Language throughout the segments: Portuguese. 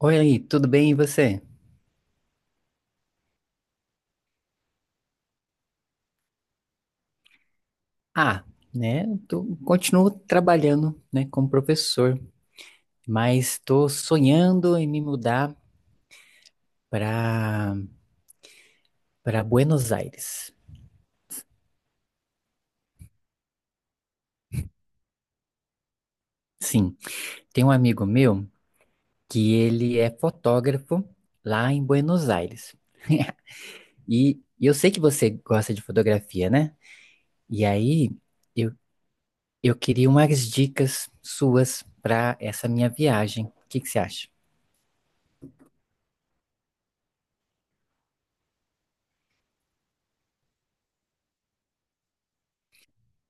Oi, aí, tudo bem e você? Ah, né, tô, continuo trabalhando, né, como professor, mas estou sonhando em me mudar para para Buenos Aires. Sim, tem um amigo meu que ele é fotógrafo lá em Buenos Aires. E, e eu sei que você gosta de fotografia, né? E aí eu, eu queria umas dicas suas para essa minha viagem. O que que você acha?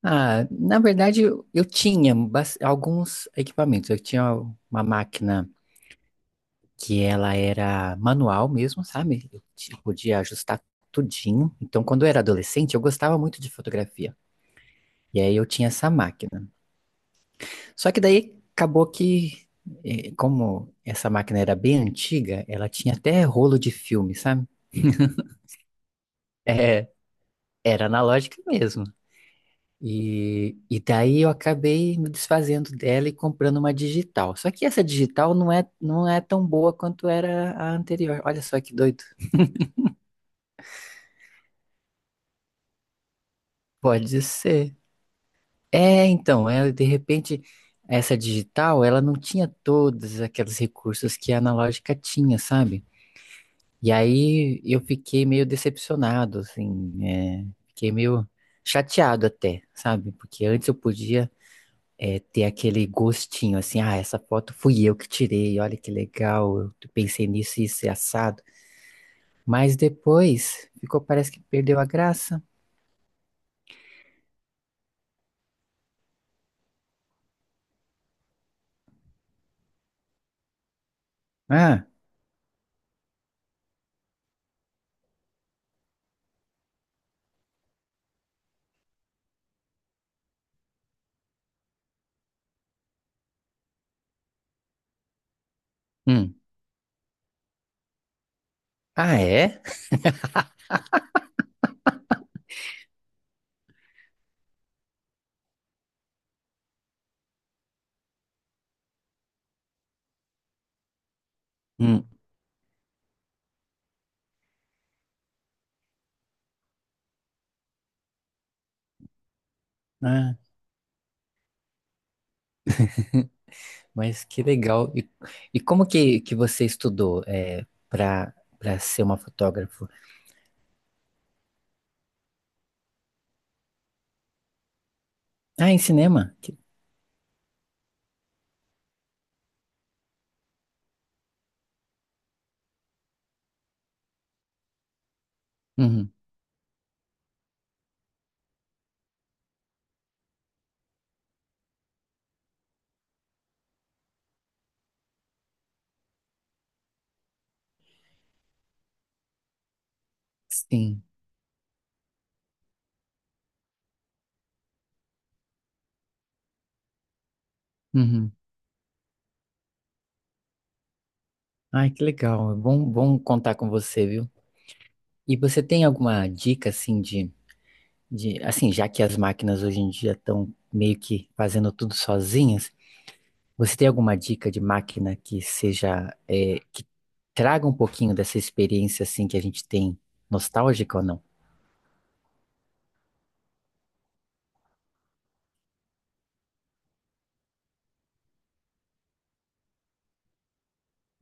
Ah, na verdade, eu tinha alguns equipamentos. Eu tinha uma máquina que ela era manual mesmo, sabe? Podia ajustar tudinho. Então, quando eu era adolescente, eu gostava muito de fotografia. E aí eu tinha essa máquina. Só que daí acabou que, como essa máquina era bem antiga, ela tinha até rolo de filme, sabe? É, era analógica mesmo. E daí eu acabei me desfazendo dela e comprando uma digital. Só que essa digital não é tão boa quanto era a anterior. Olha só que doido. Pode ser. É, então, é, de repente, essa digital, ela não tinha todos aqueles recursos que a analógica tinha, sabe? E aí eu fiquei meio decepcionado, assim, é, fiquei meio chateado até, sabe? Porque antes eu podia é, ter aquele gostinho assim, ah, essa foto fui eu que tirei, olha que legal, eu pensei nisso e isso é assado. Mas depois ficou, parece que perdeu a graça. Ah, hum. Ah, é? Hum. Ah, mas que legal. E como que você estudou é, para ser uma fotógrafa? Ah, em cinema? Que- Uhum. Sim. Uhum. Ai, que legal. É bom, bom contar com você, viu? E você tem alguma dica assim de, assim, já que as máquinas hoje em dia estão meio que fazendo tudo sozinhas, você tem alguma dica de máquina que seja, é, que traga um pouquinho dessa experiência assim que a gente tem, nostálgica ou não?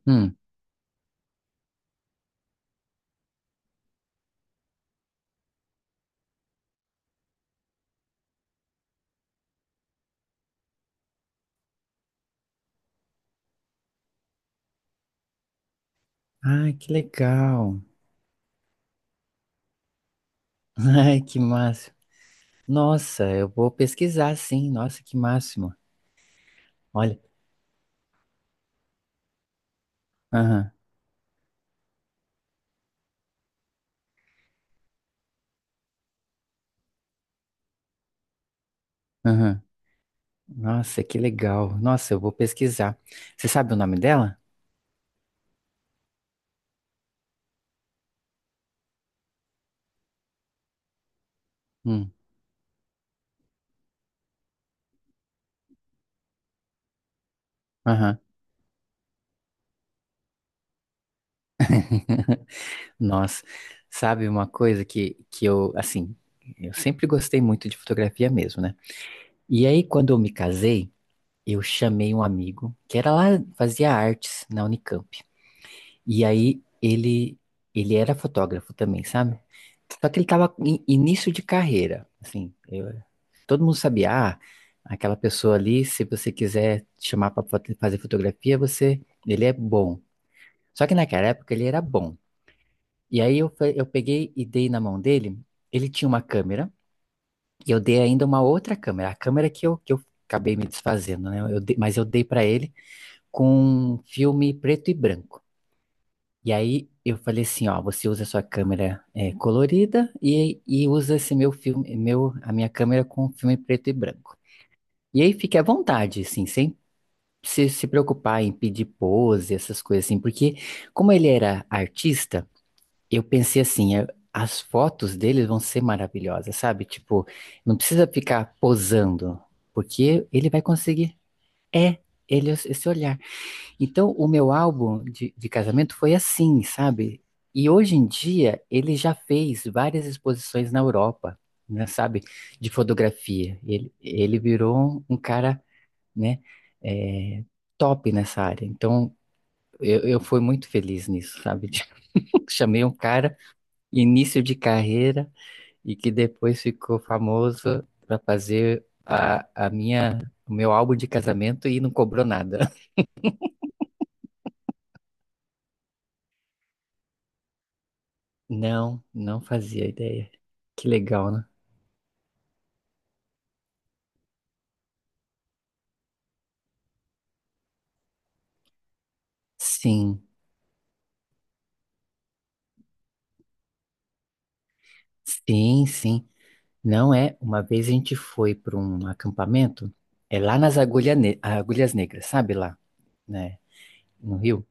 Hum. Ai, que legal. Ai, que máximo. Nossa, eu vou pesquisar sim. Nossa, que máximo. Olha. Aham, aham. Nossa, que legal. Nossa, eu vou pesquisar. Você sabe o nome dela? Hum. Aham. Nossa, sabe uma coisa que eu, assim, eu sempre gostei muito de fotografia mesmo, né? E aí, quando eu me casei, eu chamei um amigo que era lá, fazia artes na Unicamp. E aí, ele era fotógrafo também, sabe? Só que ele tava em início de carreira, assim, todo mundo sabia, ah, aquela pessoa ali, se você quiser chamar para fazer fotografia, você, ele é bom. Só que naquela época ele era bom. E aí eu, eu peguei e dei na mão dele. Ele tinha uma câmera e eu dei ainda uma outra câmera, a câmera que eu acabei me desfazendo, né? Mas eu dei pra ele com um filme preto e branco. E aí eu falei assim, ó, você usa a sua câmera é, colorida e usa esse meu filme, meu, a minha câmera com filme preto e branco. E aí fique à vontade, assim, sem se preocupar em pedir pose, essas coisas assim, porque como ele era artista. Eu pensei assim, é, as fotos deles vão ser maravilhosas, sabe? Tipo, não precisa ficar posando, porque ele vai conseguir. É, ele é esse olhar. Então, o meu álbum de casamento foi assim, sabe? E hoje em dia, ele já fez várias exposições na Europa, né, sabe? De fotografia. Ele virou um, um cara, né? é, top nessa área. Então, eu fui muito feliz nisso, sabe? Chamei um cara início de carreira e que depois ficou famoso para fazer a minha, o meu álbum de casamento e não cobrou nada. Não, não fazia ideia. Que legal, né? Sim, sim, sim. Não é? Uma vez a gente foi para um acampamento, é lá nas Agulhas Negras, sabe lá, né? No Rio.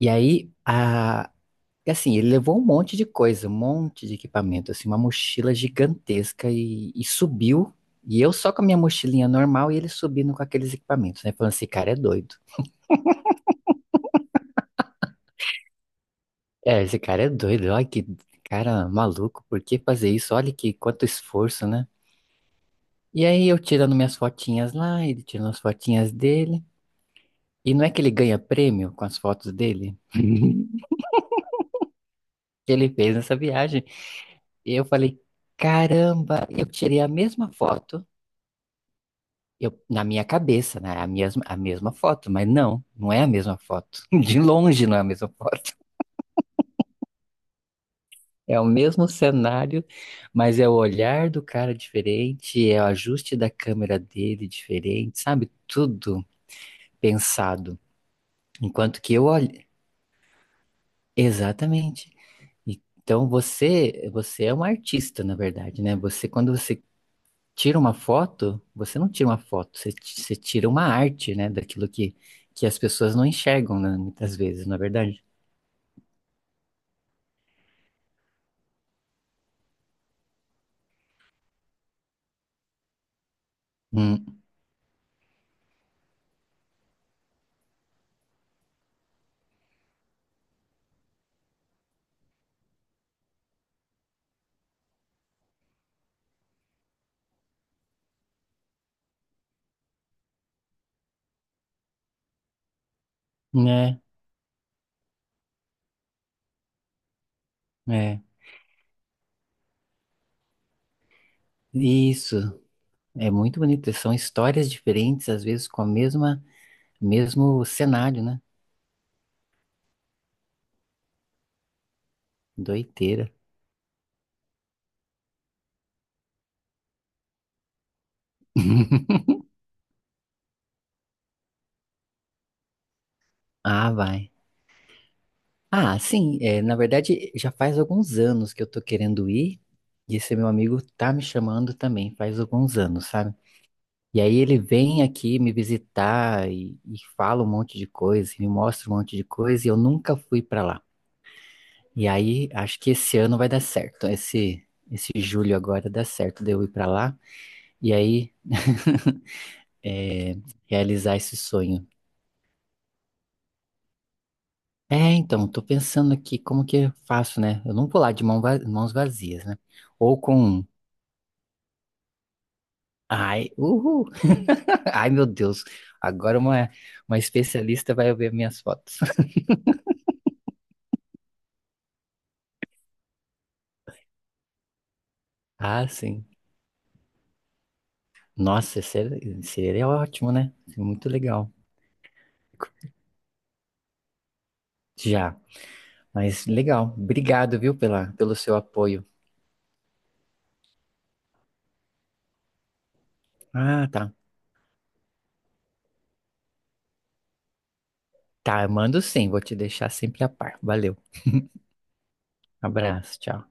E aí a. E assim, ele levou um monte de coisa, um monte de equipamento, assim, uma mochila gigantesca e subiu. E eu só com a minha mochilinha normal e ele subindo com aqueles equipamentos, né? Falando, esse cara é doido. É, esse cara é doido, olha que cara maluco, por que fazer isso? Olha que quanto esforço, né? E aí eu tirando minhas fotinhas lá, ele tirando as fotinhas dele. E não é que ele ganha prêmio com as fotos dele? Que ele fez nessa viagem. E eu falei, caramba, eu tirei a mesma foto. Eu, na minha cabeça, né? é a mesma foto, mas não, não é a mesma foto. De longe não é a mesma foto. É o mesmo cenário, mas é o olhar do cara diferente, é o ajuste da câmera dele diferente, sabe? Tudo pensado. Enquanto que eu olho. Exatamente. Então você, você é um artista, na verdade, né? Você, quando você tira uma foto, você não tira uma foto, você, você tira uma arte, né? Daquilo que as pessoas não enxergam, né? Muitas vezes, na verdade. Hum, né? É. Isso. É muito bonito. São histórias diferentes, às vezes com a mesma, mesmo cenário, né? Doideira. Ah, vai. Ah, sim, é, na verdade já faz alguns anos que eu tô querendo ir, e esse meu amigo tá me chamando também, faz alguns anos, sabe? E aí ele vem aqui me visitar e fala um monte de coisa, e me mostra um monte de coisa, e eu nunca fui pra lá. E aí, acho que esse ano vai dar certo. Esse julho agora dá certo de eu ir pra lá e aí é, realizar esse sonho. É, então, tô pensando aqui como que eu faço, né? Eu não vou lá de mãos vazias, né? Ou com. Um, ai, uhul! Ai, meu Deus! Agora uma especialista vai ver minhas fotos. Ah, sim. Nossa, seria ótimo, né? Seria muito legal. Já, mas legal. Obrigado, viu, pela, pelo seu apoio. Ah, tá. Tá, eu mando sim, vou te deixar sempre a par. Valeu, abraço, tchau.